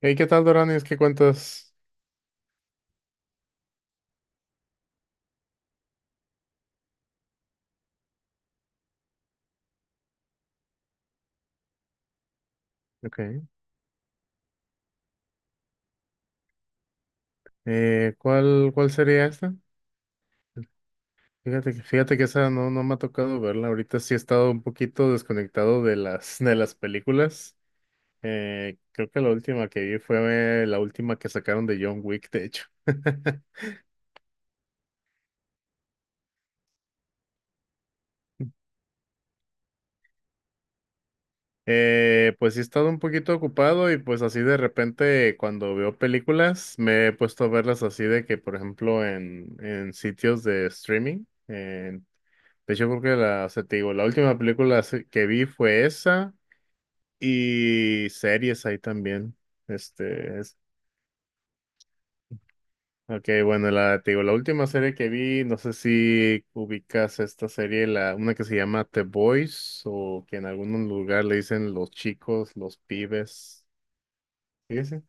Hey, ¿qué tal, Doranis? ¿Qué cuentas? Ok. ¿Cuál sería esta? Fíjate que esa no, no me ha tocado verla. Ahorita sí he estado un poquito desconectado de las, de las películas. Creo que la última que vi fue la última que sacaron de John Wick, de hecho. Pues sí he estado un poquito ocupado y pues así de repente cuando veo películas me he puesto a verlas así de que, por ejemplo, en sitios de streaming. En De hecho, creo que la, o sea, te digo, la última película así que vi fue esa y series ahí también. Este, es, ok, bueno, la, te digo, la última serie que vi, no sé si ubicas esta serie, la, una que se llama The Boys o que en algún lugar le dicen los chicos, los pibes. ¿Sí? ¿Sí?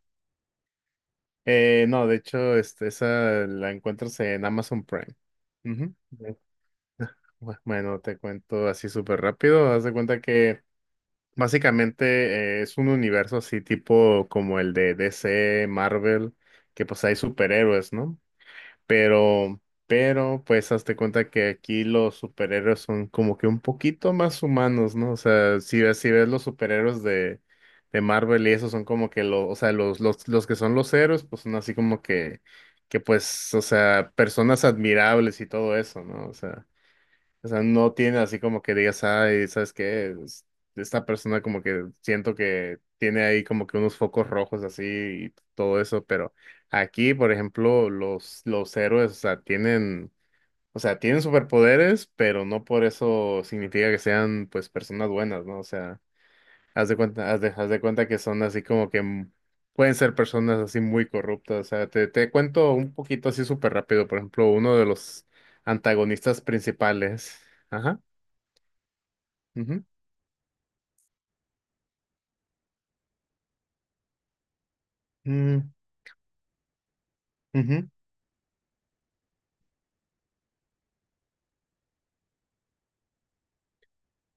No, de hecho, esa la encuentras en Amazon Prime. Ujú. Bueno, te cuento así súper rápido. Haz de cuenta que Básicamente, es un universo así tipo como el de DC, Marvel, que pues hay superhéroes, ¿no? Pero, pero pues hazte cuenta que aquí los superhéroes son como que un poquito más humanos, ¿no? O sea, si ves los superhéroes de Marvel y esos son como que los, o sea, los que son los héroes, pues son así como que pues, o sea, personas admirables y todo eso, ¿no? O sea, o sea, no tiene así como que digas, ay, ¿sabes qué? Esta persona como que siento que tiene ahí como que unos focos rojos así y todo eso, pero aquí, por ejemplo, los héroes, o sea, tienen superpoderes, pero no por eso significa que sean, pues, personas buenas, ¿no? O sea, haz de cuenta que son así como que pueden ser personas así muy corruptas, o sea, te cuento un poquito así súper rápido, por ejemplo, uno de los antagonistas principales. Ajá. Ujú, mm, ujú.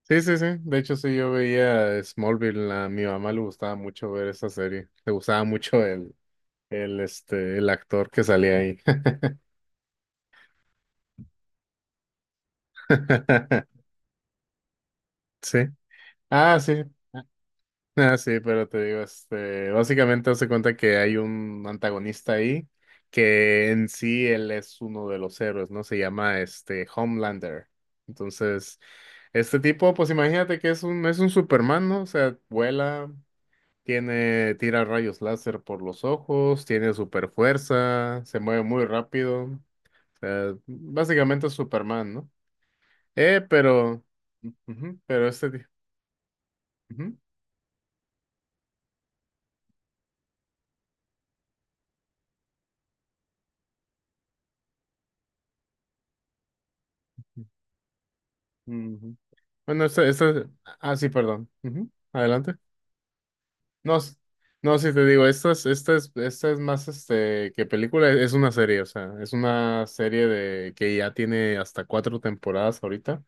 Sí, sí, sí. De hecho, sí, yo veía Smallville. A mi mamá le gustaba mucho ver esa serie. Le gustaba mucho el actor que salía ahí. Sí. Ah, sí. Ah, sí, pero te digo, básicamente hace cuenta que hay un antagonista ahí que en sí él es uno de los héroes, ¿no? Se llama este Homelander. Entonces, este tipo, pues imagínate que es un Superman, ¿no? O sea, vuela, tiene, tira rayos láser por los ojos, tiene super fuerza, se mueve muy rápido. O sea, básicamente es Superman, ¿no? Eh, pero, ujú, pero ujú, ujú. Bueno, ah, sí, perdón. Ujú, adelante. No, s- no, sí te digo, esta es más, que película, es una serie, o sea, es una serie de que ya tiene hasta cuatro temporadas ahorita.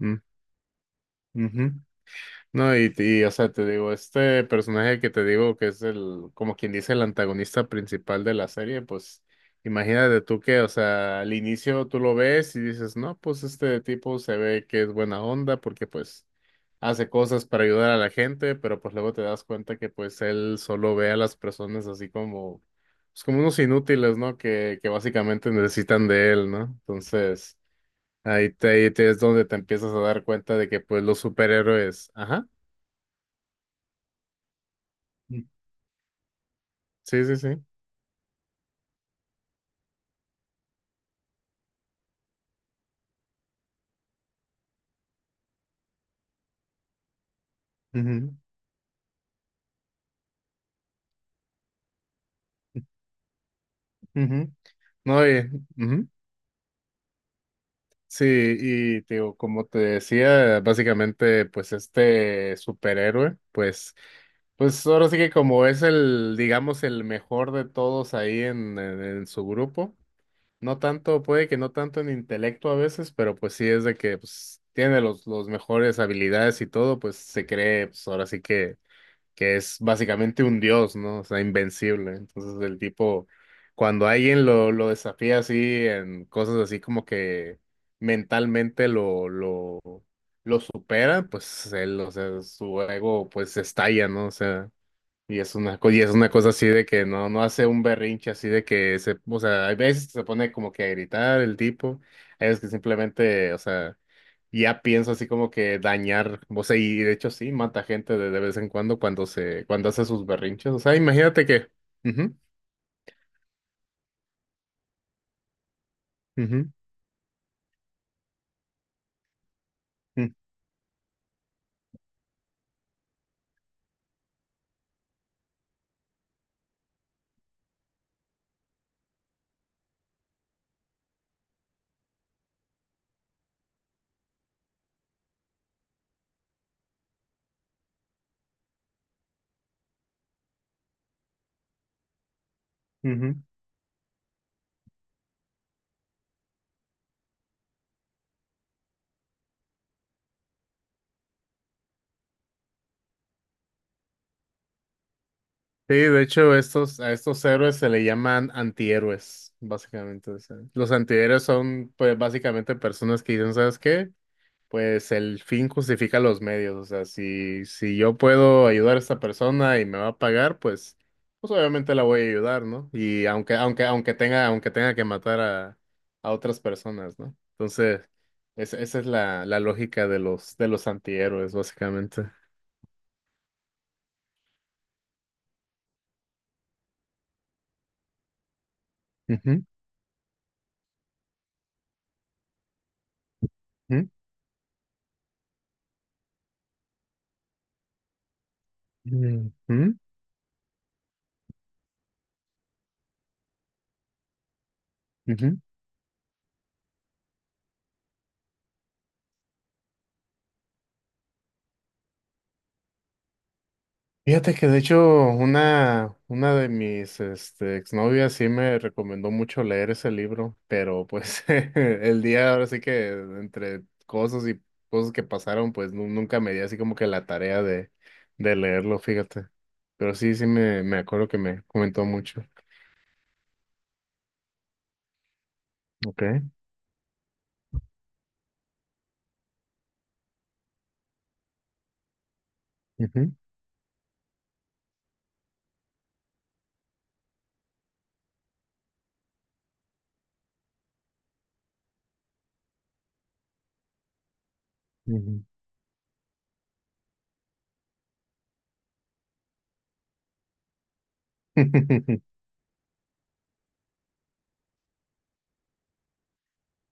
Mm, ujú. No, y, o sea, te digo, este personaje que te digo que es el, como quien dice, el antagonista principal de la serie, pues imagínate tú que, o sea, al inicio tú lo ves y dices, no, pues este tipo se ve que es buena onda porque pues hace cosas para ayudar a la gente, pero pues luego te das cuenta que pues él solo ve a las personas así como, pues como unos inútiles, ¿no? Que básicamente necesitan de él, ¿no? Entonces, ahí te es donde te empiezas a dar cuenta de que pues los superhéroes, ajá. Sí, sí, sí. Ujú, ujú. No, y, ujú. Sí, y te digo, como te decía, básicamente, pues este superhéroe, pues ahora sí que como es el, digamos, el mejor de todos ahí en, en su grupo, no tanto, puede que no tanto en intelecto a veces, pero pues sí es de que pues, tiene los mejores habilidades y todo, pues se cree, pues ahora sí que es básicamente un dios, ¿no? O sea, invencible. Entonces el tipo, cuando alguien lo desafía así en cosas así como que mentalmente lo supera, pues él, o sea, su ego pues estalla, ¿no? O sea, y es una cosa así de que no, no hace un berrinche así de que se, o sea, hay veces que se pone como que a gritar el tipo, hay veces que simplemente, o sea, ya pienso así como que dañar, o sea, y de hecho sí, mata gente de vez en cuando cuando hace sus berrinches, o sea, imagínate que, ujú, ujú, mm, ujú. Sí, de hecho a estos héroes se le llaman antihéroes, básicamente, o sea, los antihéroes son, pues, básicamente personas que dicen, ¿sabes qué? Pues el fin justifica los medios, o sea, si yo puedo ayudar a esta persona y me va a pagar, pues obviamente la voy a ayudar, ¿no? Y aunque tenga que matar a otras personas, ¿no? Entonces, esa es la, la lógica de los antihéroes, básicamente. Ujú, ujú, ujú, ujú. Fíjate que de hecho una de mis exnovias sí me recomendó mucho leer ese libro, pero pues el día ahora sí que entre cosas y cosas que pasaron, pues nunca me di así como que la tarea de leerlo, fíjate. Pero sí, me acuerdo que me comentó mucho. Okay. Ujú, ujú.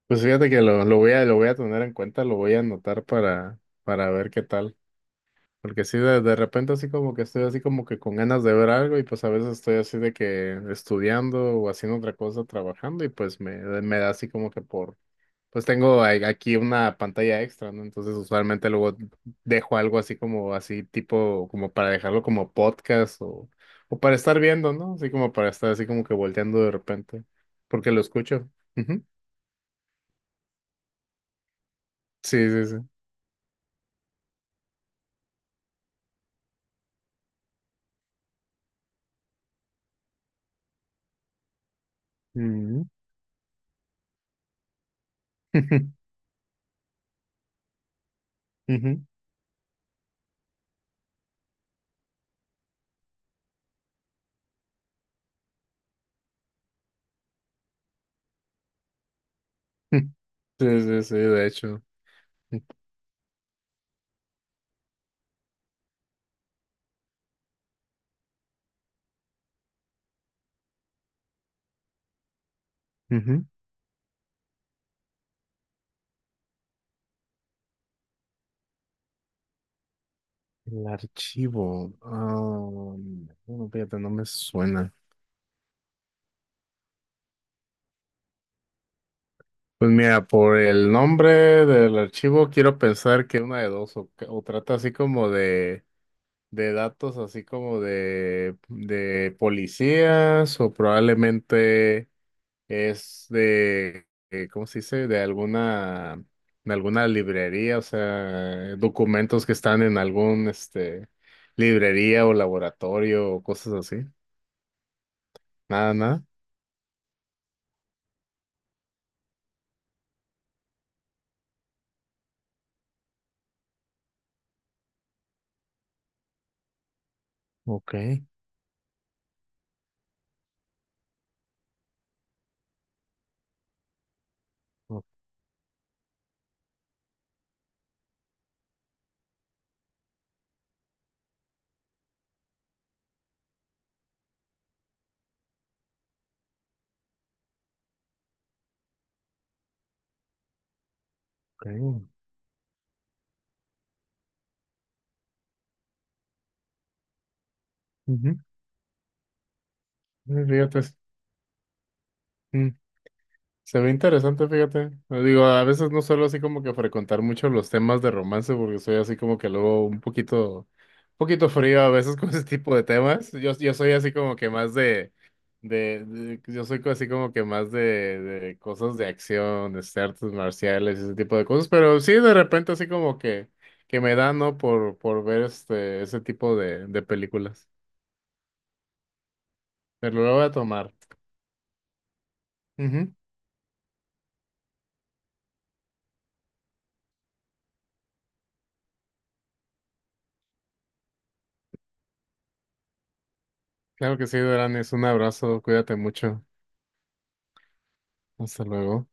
Pues fíjate que lo voy a tener en cuenta, lo voy a anotar para ver qué tal. Porque sí, de repente así como que estoy así como que con ganas de ver algo y pues a veces estoy así de que estudiando o haciendo otra cosa, trabajando y pues me da así como que por, pues tengo aquí una pantalla extra, ¿no? Entonces usualmente luego dejo algo así como así tipo, como para dejarlo como podcast o para estar viendo, ¿no? Así como para estar así como que volteando de repente, porque lo escucho. Ujú. Sí, sí, sí. Ujú. Ujú. Sí, sí, sí, de hecho. Ujú. El archivo. Ah, bueno, fíjate, no me suena. Pues mira, por el nombre del archivo quiero pensar que una de dos, o trata así como de datos, así como de policías, o probablemente es de, ¿cómo se dice? De alguna librería, o sea, documentos que están en algún, librería o laboratorio o cosas así. Nada, nada. Ok. Ok. Ujú. Fíjate, mm, se ve interesante, fíjate. Digo, a veces no suelo así como que frecuentar mucho los temas de romance porque soy así como que luego un poquito frío a veces con ese tipo de temas. Yo soy así como que más de- yo soy así como que más de cosas de acción, de artes marciales, ese tipo de cosas. Pero sí, de repente así como que me da, ¿no? Por ver ese tipo de películas. Pero lo voy a tomar. Claro que sí, Duran, es un abrazo, cuídate mucho. Hasta luego.